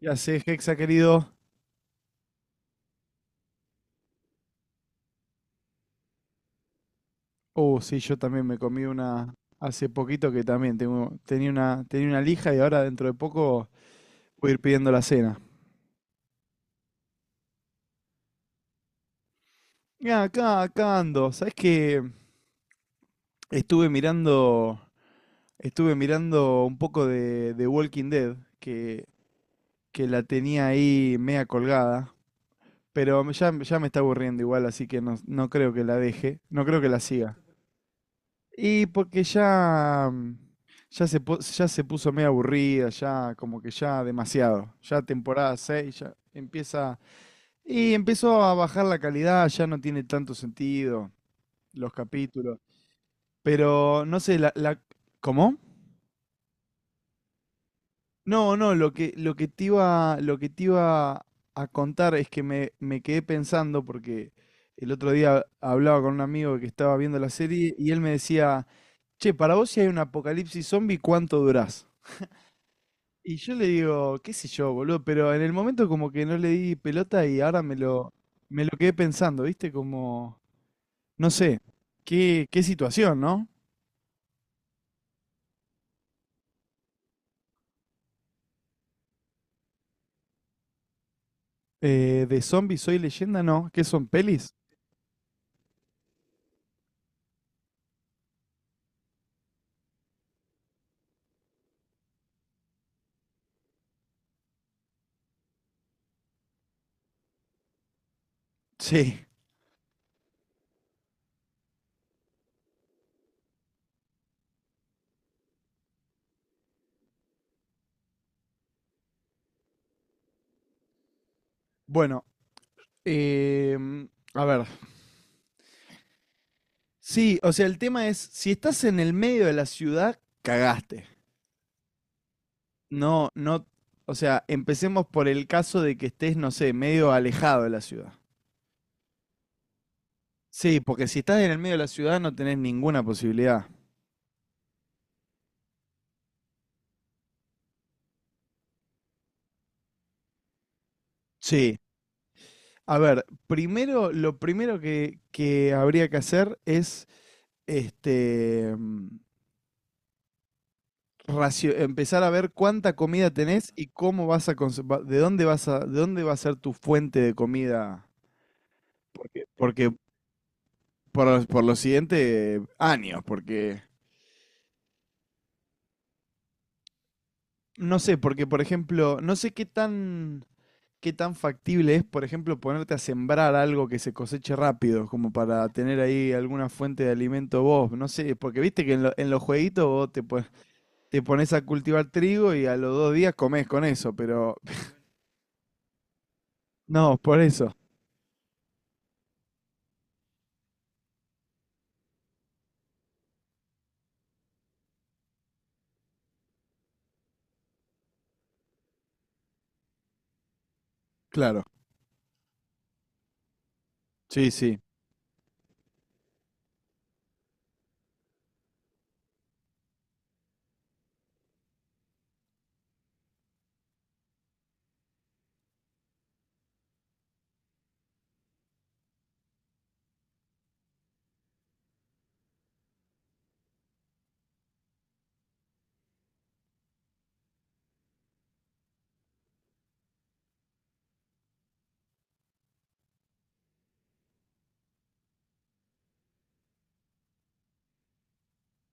Ya sé, Hexa, querido. Sí, yo también me comí una hace poquito que también tenía una lija y ahora dentro de poco voy a ir pidiendo la cena. Ya, acá ando. ¿Sabés que Estuve mirando, estuve mirando un poco de Walking Dead, que la tenía ahí media colgada? Pero ya me está aburriendo igual, así que no, no creo que la deje, no creo que la siga. Y porque ya, ya se puso medio aburrida, ya como que ya demasiado. Ya temporada 6 ya empieza. Y empezó a bajar la calidad, ya no tiene tanto sentido los capítulos. Pero no sé, ¿cómo? No, no, lo que te iba, lo que te iba a contar es que me quedé pensando porque el otro día hablaba con un amigo que estaba viendo la serie y él me decía, che, para vos si hay un apocalipsis zombie, ¿cuánto durás? Y yo le digo, qué sé yo, boludo, pero en el momento como que no le di pelota y ahora me lo quedé pensando, ¿viste? Como, no sé, qué situación, ¿no? De zombies soy leyenda, ¿no? ¿Qué son pelis? Sí. Bueno, a ver. Sí, o sea, el tema es, si estás en el medio de la ciudad, cagaste. No, no, o sea, empecemos por el caso de que estés, no sé, medio alejado de la ciudad. Sí, porque si estás en el medio de la ciudad no tenés ninguna posibilidad. Sí, a ver, primero, lo primero que habría que hacer es este, empezar a ver cuánta comida tenés y cómo vas a, cons- va- de dónde va a ser tu fuente de comida, porque por los siguientes años, porque no sé, porque por ejemplo, no sé qué tan factible es, por ejemplo, ponerte a sembrar algo que se coseche rápido, como para tener ahí alguna fuente de alimento vos. No sé, porque viste que en los jueguitos te pones a cultivar trigo y a los 2 días comés con eso, pero no, por eso. Claro. Sí, sí.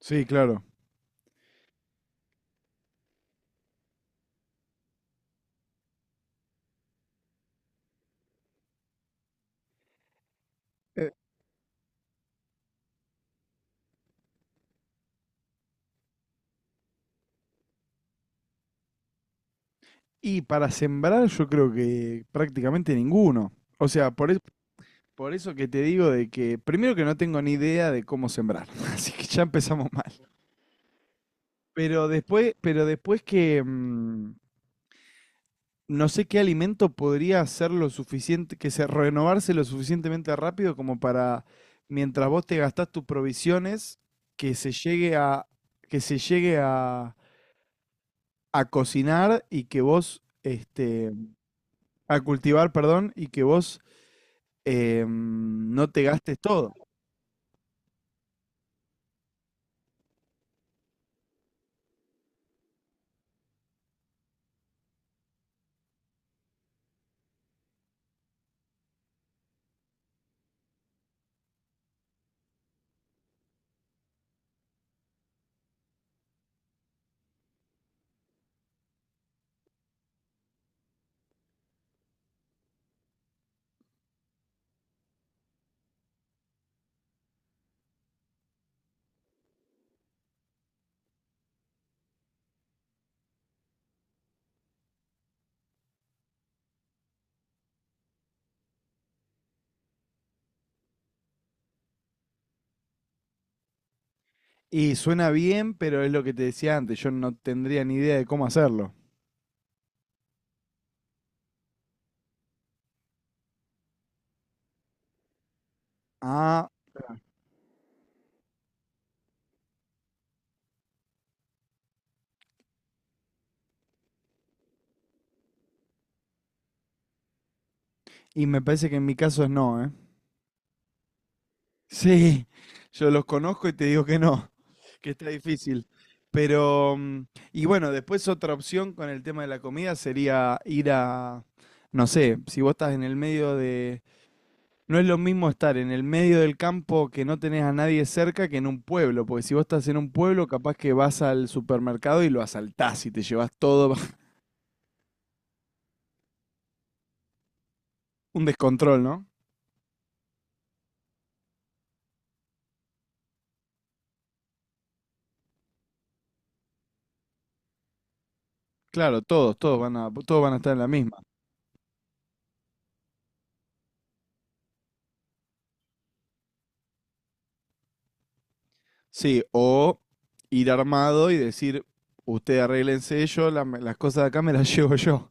Sí, claro. Eh, y para sembrar yo creo que prácticamente ninguno. O sea, por eso que te digo de que primero que no tengo ni idea de cómo sembrar, así que ya empezamos mal. Pero después, no sé qué alimento podría ser lo suficiente, que se renovarse lo suficientemente rápido como para, mientras vos te gastás tus provisiones, que se llegue a, que se llegue a cocinar y que vos, este, a cultivar, perdón, y que vos no te gastes todo. Y suena bien, pero es lo que te decía antes, yo no tendría ni idea de cómo hacerlo. Ah, y me parece que en mi caso es no, ¿eh? Sí, yo los conozco y te digo que no, que está difícil. Pero, y bueno, después otra opción con el tema de la comida sería ir a, no sé, si vos estás en el medio de... No es lo mismo estar en el medio del campo que no tenés a nadie cerca que en un pueblo, porque si vos estás en un pueblo, capaz que vas al supermercado y lo asaltás y te llevas todo, un descontrol, ¿no? Claro, todos van a estar en la misma. Sí, o ir armado y decir, usted arréglense yo, las cosas de acá me las llevo yo.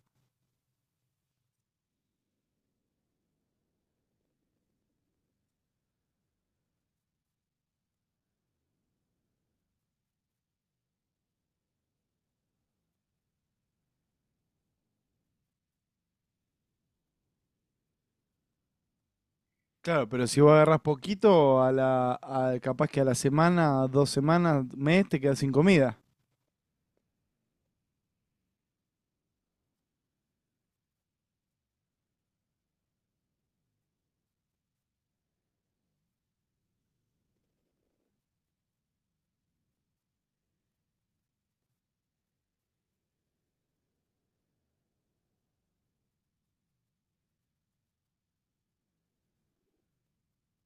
Claro, pero si vos agarrás poquito, capaz que a la semana, 2 semanas, mes, te quedas sin comida.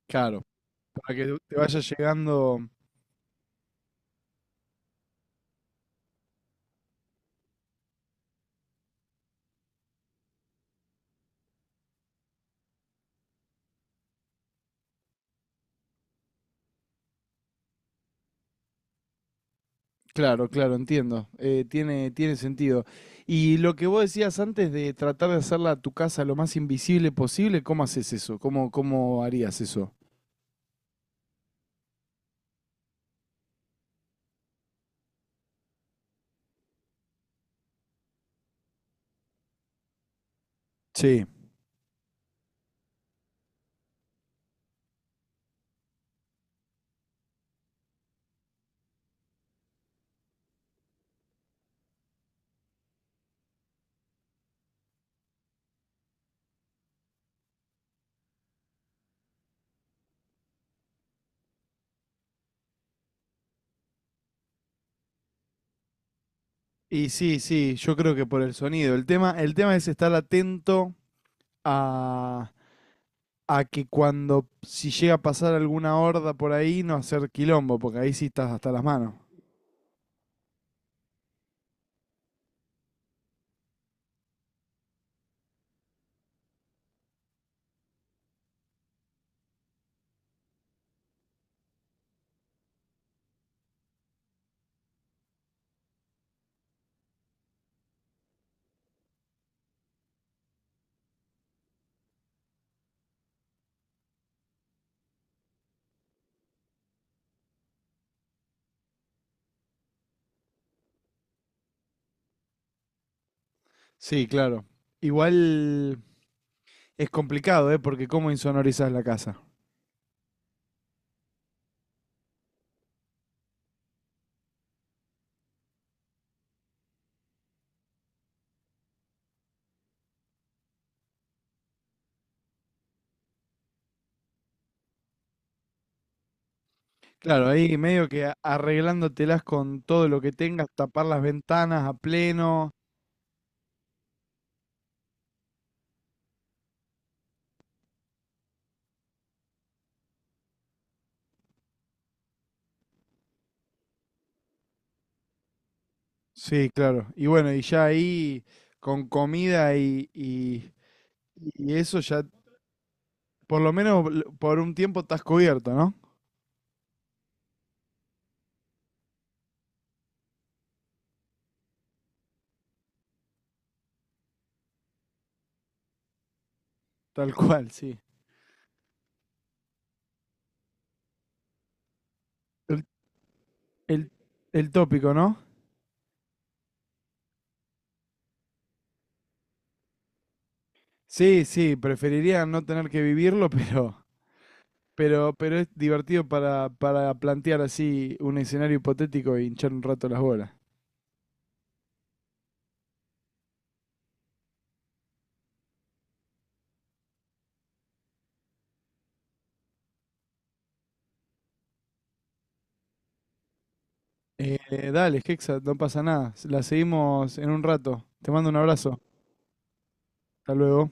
Claro. Para que te vaya llegando. Claro, claro, entiendo. Tiene sentido. Y lo que vos decías antes de tratar de hacerla a tu casa lo más invisible posible, ¿cómo haces eso? ¿Cómo harías eso? Sí. Y sí, sí, yo creo que por el sonido. El tema es estar atento a, a que cuando, si llega a pasar alguna horda por ahí, no hacer quilombo, porque ahí sí estás hasta las manos. Sí, claro. Igual es complicado, ¿eh? Porque cómo insonorizás la casa. Claro, ahí medio que arreglándotelas con todo lo que tengas, tapar las ventanas a pleno. Sí, claro. Y bueno, y ya ahí con comida y eso ya. Por lo menos por un tiempo estás cubierto, ¿no? Tal cual, sí. El, el- el tópico, ¿no? Sí, sí, preferiría no tener que vivirlo, pero, pero es divertido para plantear así un escenario hipotético y hinchar un rato las bolas. Dale, Hexa, no pasa nada. La seguimos en un rato. Te mando un abrazo. Hasta luego.